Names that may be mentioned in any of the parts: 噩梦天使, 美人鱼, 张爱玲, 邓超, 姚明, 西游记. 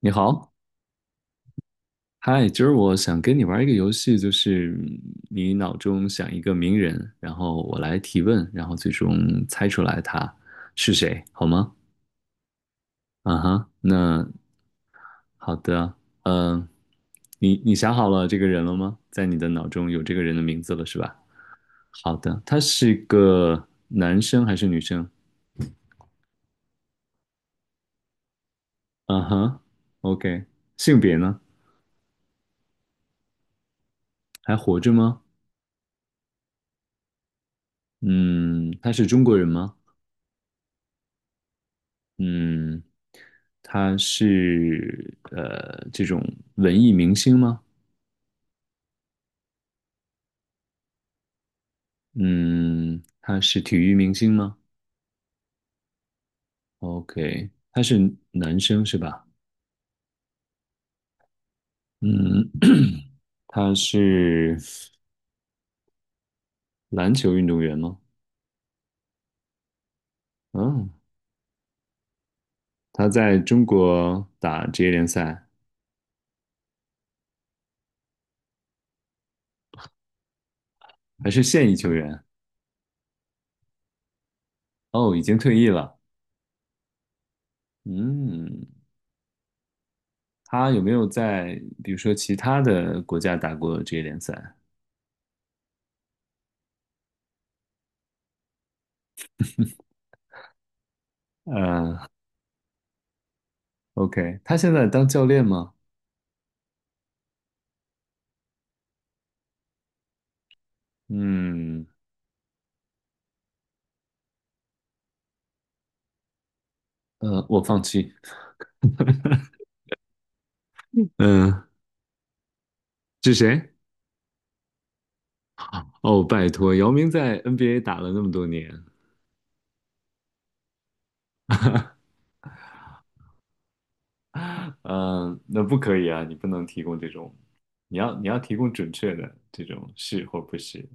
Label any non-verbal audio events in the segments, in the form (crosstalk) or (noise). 你好，嗨，今儿我想跟你玩一个游戏，就是你脑中想一个名人，然后我来提问，然后最终猜出来他是谁，好吗？啊哈，那好的，嗯、你想好了这个人了吗？在你的脑中有这个人的名字了是吧？好的，他是个男生还是女生？啊哈，OK，性别呢？还活着吗？嗯，他是中国人吗？嗯，他是这种文艺明星吗？嗯，他是体育明星吗？OK，他是男生是吧？嗯，(clears throat) 他是篮球运动员吗？嗯，他在中国打职业联赛，还是现役球员？哦，已经退役了。嗯，他有没有在比如说其他的国家打过职业联赛？嗯 o k 他现在当教练吗？嗯，我放弃。嗯，(laughs) 是谁？哦，拜托，姚明在 NBA 打了那么多年，嗯，那不可以啊，你不能提供这种，你要提供准确的这种是或不是，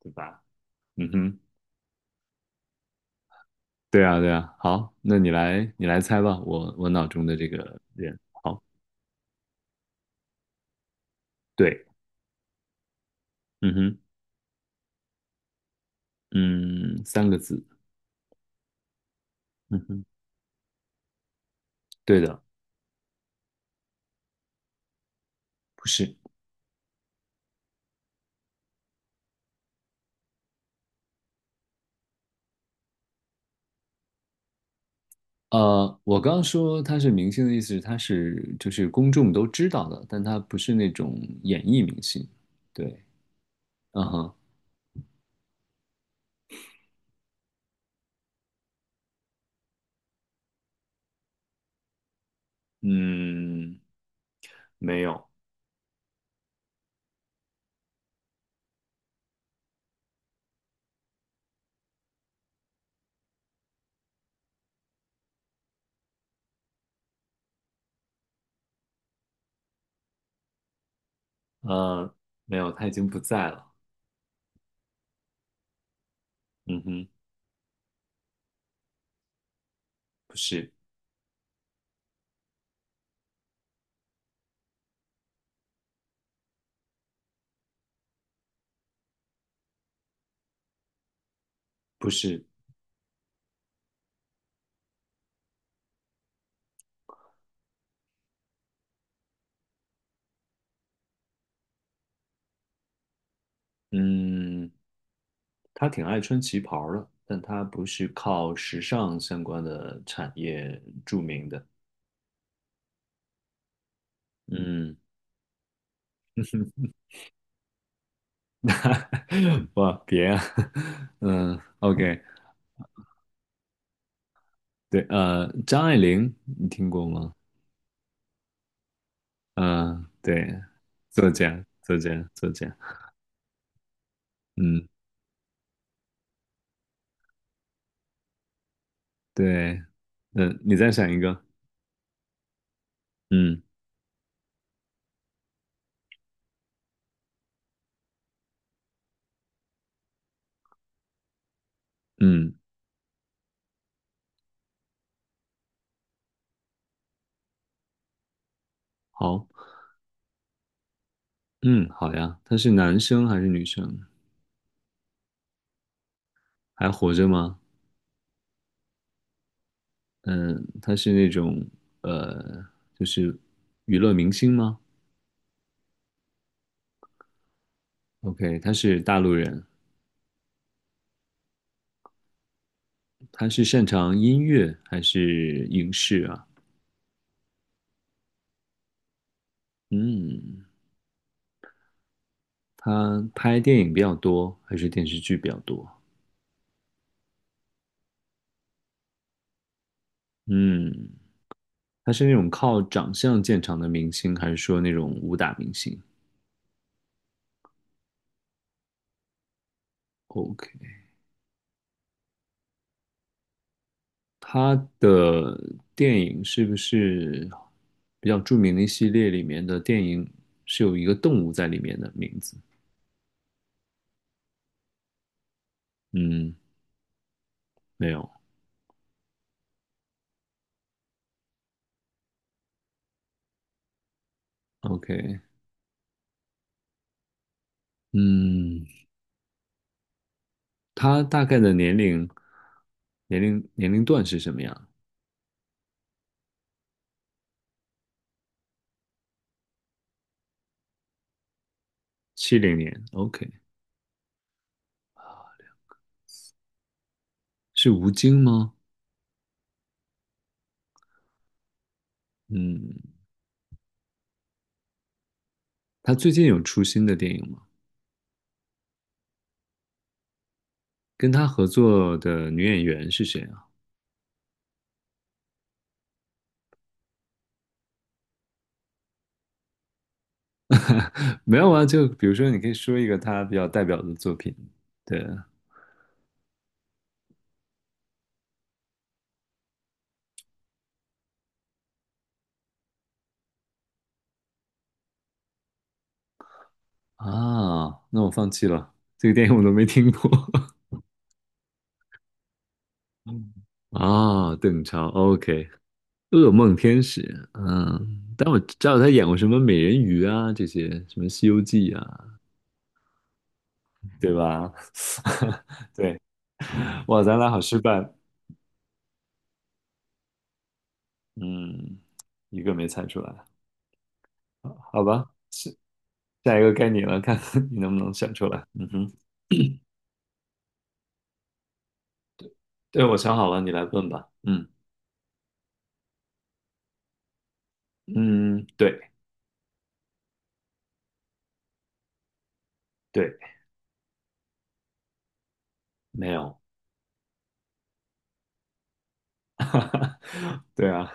对吧？嗯哼，对啊，对啊。好，那你来，你来猜吧。我脑中的这个人，好，对，嗯哼，嗯，三个字，嗯哼，对的，不是，呃，我刚刚说他是明星的意思是他是就是公众都知道的，但他不是那种演艺明星。对，嗯哼，嗯，没有，呃，没有，他已经不在了。嗯哼，不是，不是，嗯，他挺爱穿旗袍儿的，但他不是靠时尚相关的产业著名的。嗯，(laughs) 哇，别啊，(laughs) 嗯，OK，对，张爱玲，你听过吗？嗯，对，作家，作家，作家，嗯，对，嗯，你再想一个，嗯嗯，好，嗯，好呀，他是男生还是女生？还活着吗？嗯，他是那种呃，就是娱乐明星吗？OK，他是大陆人，他是擅长音乐还是影视啊？嗯，他拍电影比较多还是电视剧比较多？嗯，他是那种靠长相见长的明星，还是说那种武打明星？OK，他的电影是不是比较著名的一系列里面的电影是有一个动物在里面的名字？嗯，没有。OK，嗯，他大概的年龄年龄段是什么样？七零年。OK，是吴京吗？嗯，他最近有出新的电影吗？跟他合作的女演员是谁啊？没有啊，就比如说，你可以说一个他比较代表的作品。对啊，那我放弃了，这个电影我都没听过。(laughs) 嗯啊，邓超，OK，《噩梦天使》。嗯，但我知道他演过什么美人鱼啊，这些什么《西游记》啊，对吧？(laughs) 对，哇，咱俩好失败。嗯，一个没猜出来，好吧，下一个该你了，看 (laughs) 看你能不能想出来。嗯哼，对，我想好了，你来问吧。嗯。嗯，对，对，没有，对啊，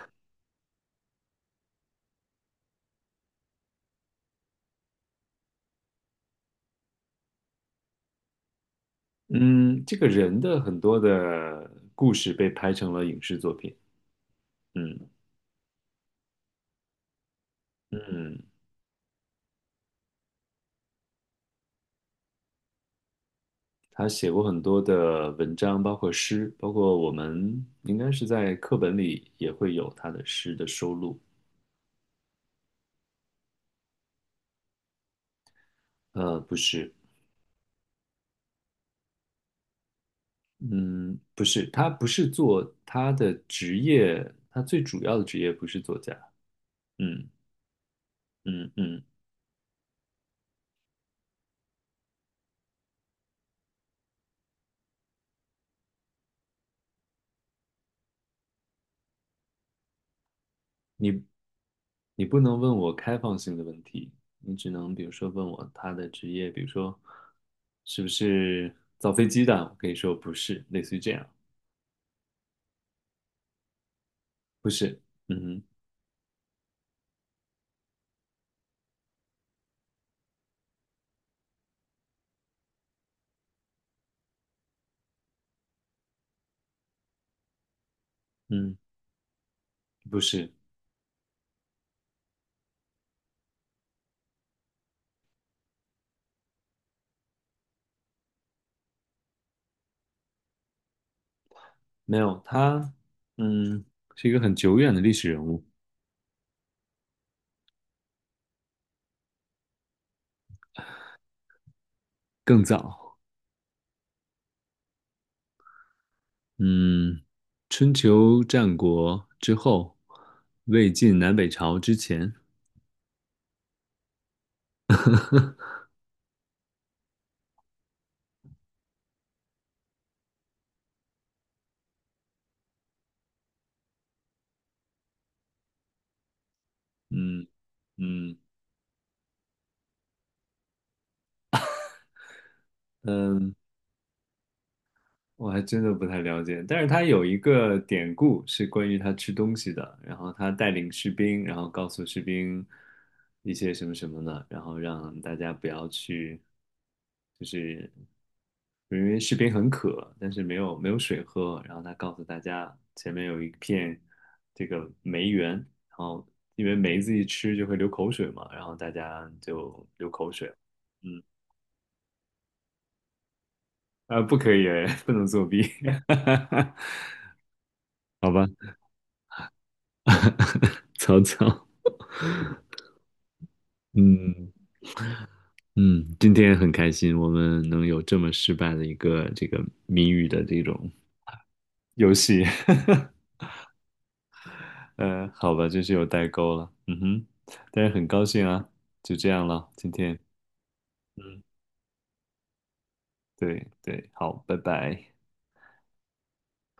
嗯，这个人的很多的故事被拍成了影视作品，嗯嗯，他写过很多的文章，包括诗，包括我们应该是在课本里也会有他的诗的收录，不是，嗯，不是，他不是做他的职业，他最主要的职业不是作家，嗯嗯嗯。你你不能问我开放性的问题，你只能比如说问我他的职业，比如说是不是造飞机的，我可以说不是，类似于这样，不是，嗯哼嗯，不是，没有，他嗯是一个很久远的历史人物，更早，嗯，春秋战国之后，魏晋南北朝之前，嗯嗯嗯。我还真的不太了解，但是他有一个典故是关于他吃东西的，然后他带领士兵，然后告诉士兵一些什么什么的，然后让大家不要去，就是因为士兵很渴，但是没有水喝，然后他告诉大家前面有一片这个梅园，然后因为梅子一吃就会流口水嘛，然后大家就流口水，嗯，啊，不可以，哎 (laughs) 不能作弊，(laughs) 好吧。(laughs) 草草，嗯嗯，今天很开心，我们能有这么失败的一个这个谜语的这种游戏，(laughs) 好吧，真是有代沟了，嗯哼，但是很高兴啊，就这样了，今天，嗯，对对，好，拜拜。